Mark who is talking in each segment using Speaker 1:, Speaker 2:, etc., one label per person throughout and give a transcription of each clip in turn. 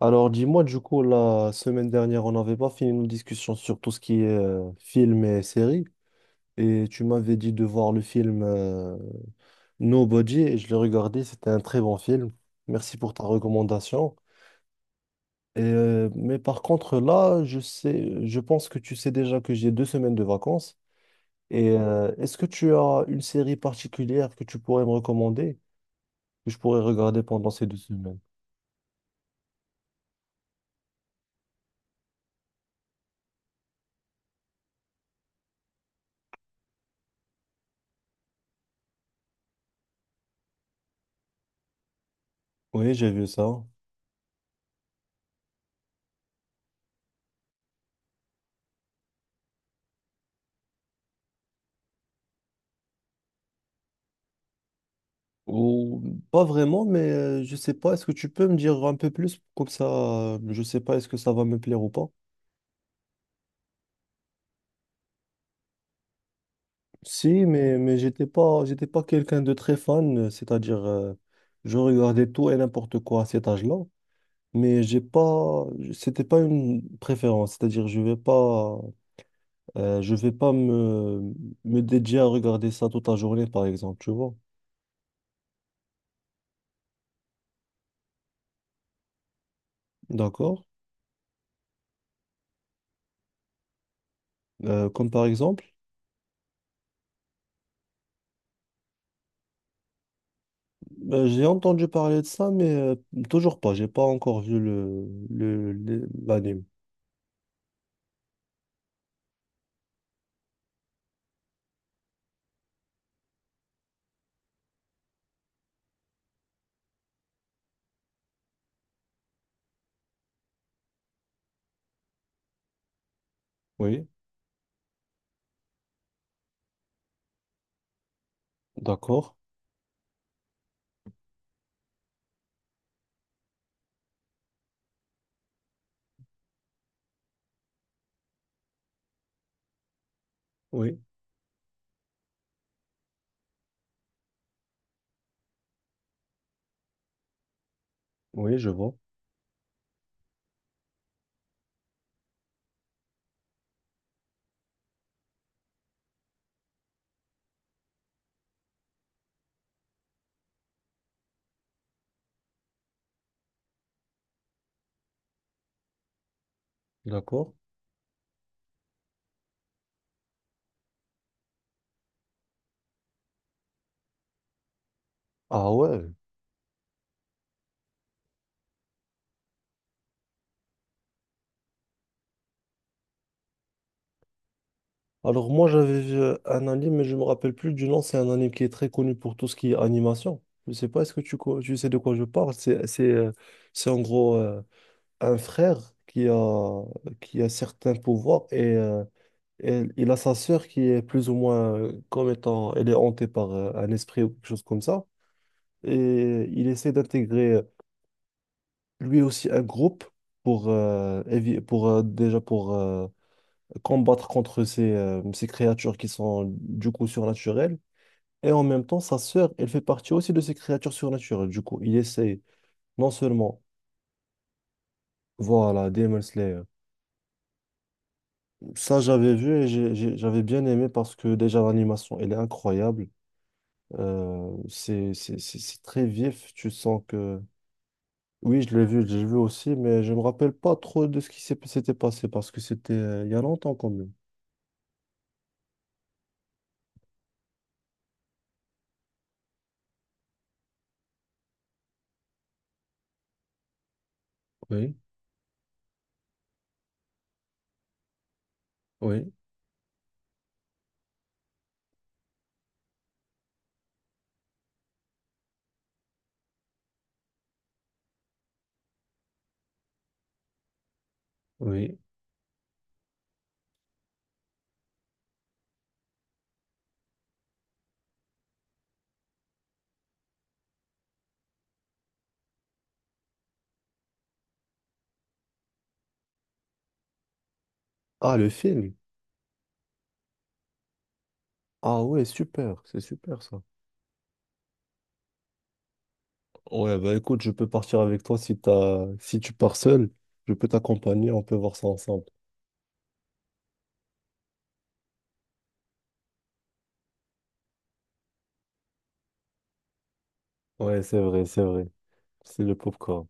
Speaker 1: Alors, dis-moi, du coup, la semaine dernière, on n'avait pas fini nos discussions sur tout ce qui est film et série. Et tu m'avais dit de voir le film Nobody et je l'ai regardé. C'était un très bon film. Merci pour ta recommandation. Mais par contre, là, je sais, je pense que tu sais déjà que j'ai deux semaines de vacances. Et est-ce que tu as une série particulière que tu pourrais me recommander, que je pourrais regarder pendant ces deux semaines? Oui, j'ai vu ça. Ou pas vraiment, mais je sais pas. Est-ce que tu peux me dire un peu plus comme ça? Je sais pas, est-ce que ça va me plaire ou pas? Si, mais j'étais pas quelqu'un de très fan, c'est-à-dire je regardais tout et n'importe quoi à cet âge-là, mais j'ai pas je- c'était pas une préférence, c'est-à-dire je vais pas, je vais pas me dédier à regarder ça toute la journée par exemple, tu vois. D'accord? Comme par exemple. Ben, j'ai entendu parler de ça, mais toujours pas. J'ai pas encore vu l'anime. Oui, d'accord. Oui, oui, je vois. D'accord. Ah ouais. Alors moi, j'avais vu un anime, mais je me rappelle plus du nom. C'est un anime qui est très connu pour tout ce qui est animation. Je sais pas, est-ce que tu sais de quoi je parle? C'est en gros un frère qui a, qui a certains pouvoirs et il a sa sœur qui est plus ou moins comme étant, elle est hantée par un esprit ou quelque chose comme ça. Et il essaie d'intégrer lui aussi un groupe pour, évi- pour déjà pour combattre contre ces créatures qui sont du coup surnaturelles. Et en même temps, sa sœur, elle fait partie aussi de ces créatures surnaturelles. Du coup, il essaie non seulement, voilà, Demon Slayer. Ça, j'avais vu et j'avais bien aimé parce que déjà l'animation, elle est incroyable. C'est très vif. Tu sens que. Oui, je l'ai vu aussi, mais je me rappelle pas trop de ce qui s'était passé parce que c'était il y a longtemps quand même. Oui, oui, oui. Ah, le film. Ah ouais, super, c'est super ça. Ouais, bah écoute, je peux partir avec toi si t'as... si tu pars seul, je peux t'accompagner, on peut voir ça ensemble. Ouais, c'est vrai, c'est vrai. C'est le popcorn.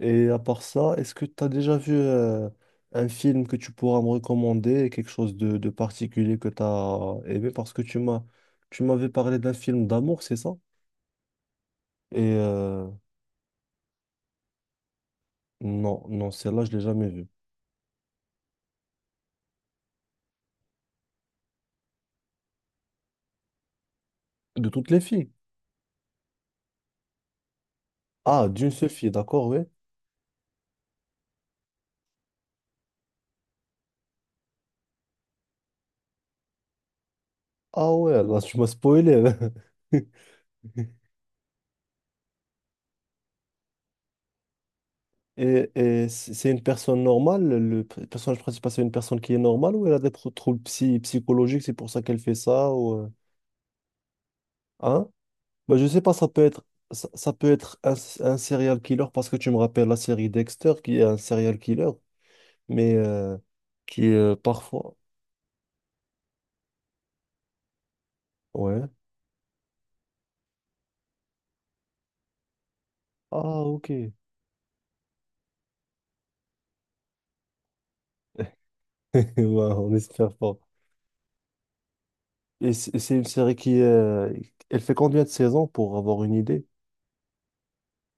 Speaker 1: Et à part ça, est-ce que tu as déjà vu un film que tu pourras me recommander, quelque chose de particulier que tu as aimé parce que tu m'avais parlé d'un film d'amour, c'est ça? Et non, non, celle-là, je l'ai jamais vue. De toutes les filles. Ah, d'une seule fille, d'accord, oui. Ah ouais, là, tu m'as spoilé. Et, c'est une personne normale, le personnage principal, c'est une personne qui est normale ou elle a des troubles psychologiques, c'est pour ça qu'elle fait ça ou hein? Bah, je sais pas, ça peut être ça, ça peut être un serial killer parce que tu me rappelles la série Dexter qui est un serial killer, mais qui est parfois ouais. Ah ok. Ouais, on espère pas. Et c'est une série qui elle fait combien de saisons pour avoir une idée?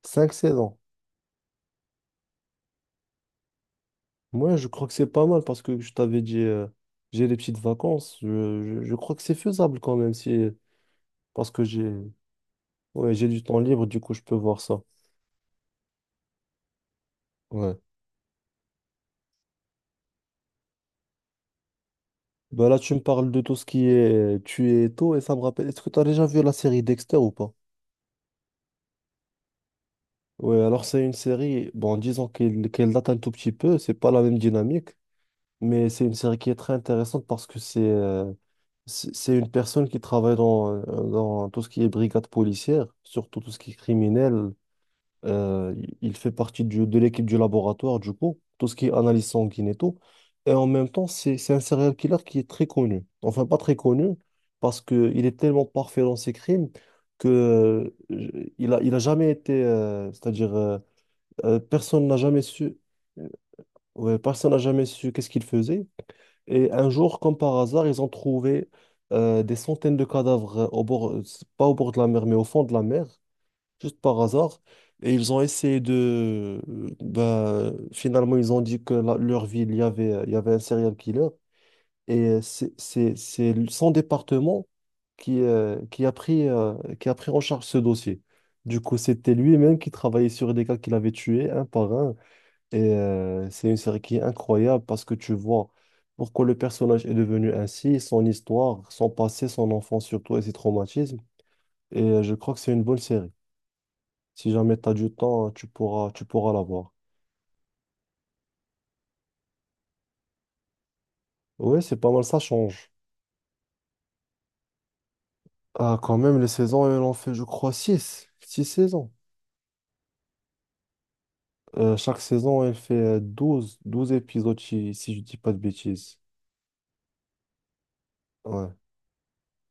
Speaker 1: Cinq saisons. Moi, je crois que c'est pas mal parce que je t'avais dit, j'ai des petites vacances. Je crois que c'est faisable quand même si, parce que j'ai, ouais, j'ai du temps libre, du coup, je peux voir ça. Ouais. Bah là, tu me parles de tout ce qui est tuer et tout, et ça me rappelle. Est-ce que tu as déjà vu la série Dexter ou pas? Ouais, alors c'est une série, bon, disons qu'elle date un tout petit peu, c'est pas la même dynamique. Mais c'est une série qui est très intéressante parce que c'est c'est une personne qui travaille dans tout ce qui est brigade policière, surtout tout ce qui est criminel. Il fait partie de l'équipe du laboratoire, du coup, tout ce qui est analyse sanguine et tout. Et en même temps, c'est un serial killer qui est très connu. Enfin, pas très connu, parce qu'il est tellement parfait dans ses crimes que il a jamais été, c'est-à-dire, personne n'a jamais su, euh, ouais, personne n'a jamais su qu'est-ce qu'il faisait. Et un jour, comme par hasard, ils ont trouvé des centaines de cadavres au bord, c'est pas au bord de la mer, mais au fond de la mer, juste par hasard. Et ils ont essayé de... bah, finalement, ils ont dit que leur ville, il y avait un serial killer. Et son département qui, qui a pris en charge ce dossier. Du coup, c'était lui-même qui travaillait sur des cas qu'il avait tués, un par un. Et c'est une série qui est incroyable parce que tu vois pourquoi le personnage est devenu ainsi, son histoire, son passé, son enfance surtout et ses traumatismes. Et je crois que c'est une bonne série. Si jamais tu as du temps, tu pourras la voir. Oui, c'est pas mal, ça change. Ah, quand même, les saisons, elles en fait, je crois, 6 saisons. Chaque saison, elle fait 12 12 épisodes, si, si je dis pas de bêtises. Ouais.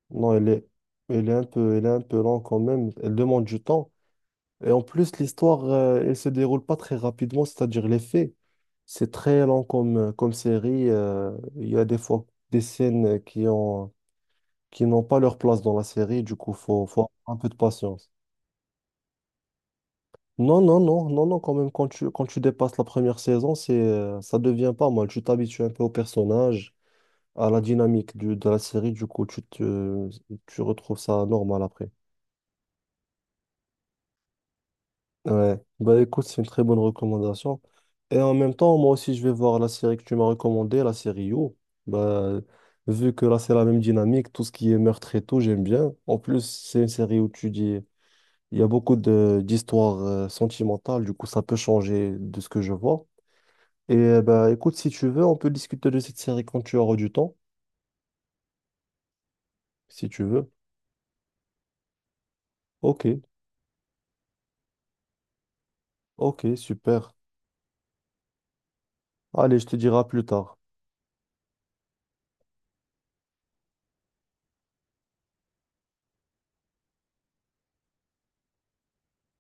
Speaker 1: Non, elle est un peu, elle est un peu lente quand même. Elle demande du temps. Et en plus, l'histoire, elle se déroule pas très rapidement, c'est-à-dire les faits. C'est très lent comme, comme série. Il y a des fois des scènes qui n'ont pas leur place dans la série, du coup, faut avoir un peu de patience. Non, non, non, non, non, quand même, quand quand tu dépasses la première saison, c'est, ça devient pas mal. Tu t'habitues un peu au personnage, à la dynamique de la série, du coup, tu retrouves ça normal après. Ouais, bah écoute, c'est une très bonne recommandation. Et en même temps, moi aussi, je vais voir la série que tu m'as recommandée, la série You. Bah, vu que là, c'est la même dynamique, tout ce qui est meurtre et tout, j'aime bien. En plus, c'est une série où tu dis, il y a beaucoup de d'histoires sentimentales, du coup, ça peut changer de ce que je vois. Et bah écoute, si tu veux, on peut discuter de cette série quand tu auras du temps, si tu veux. Ok, ok, super. Allez, je te dirai à plus tard.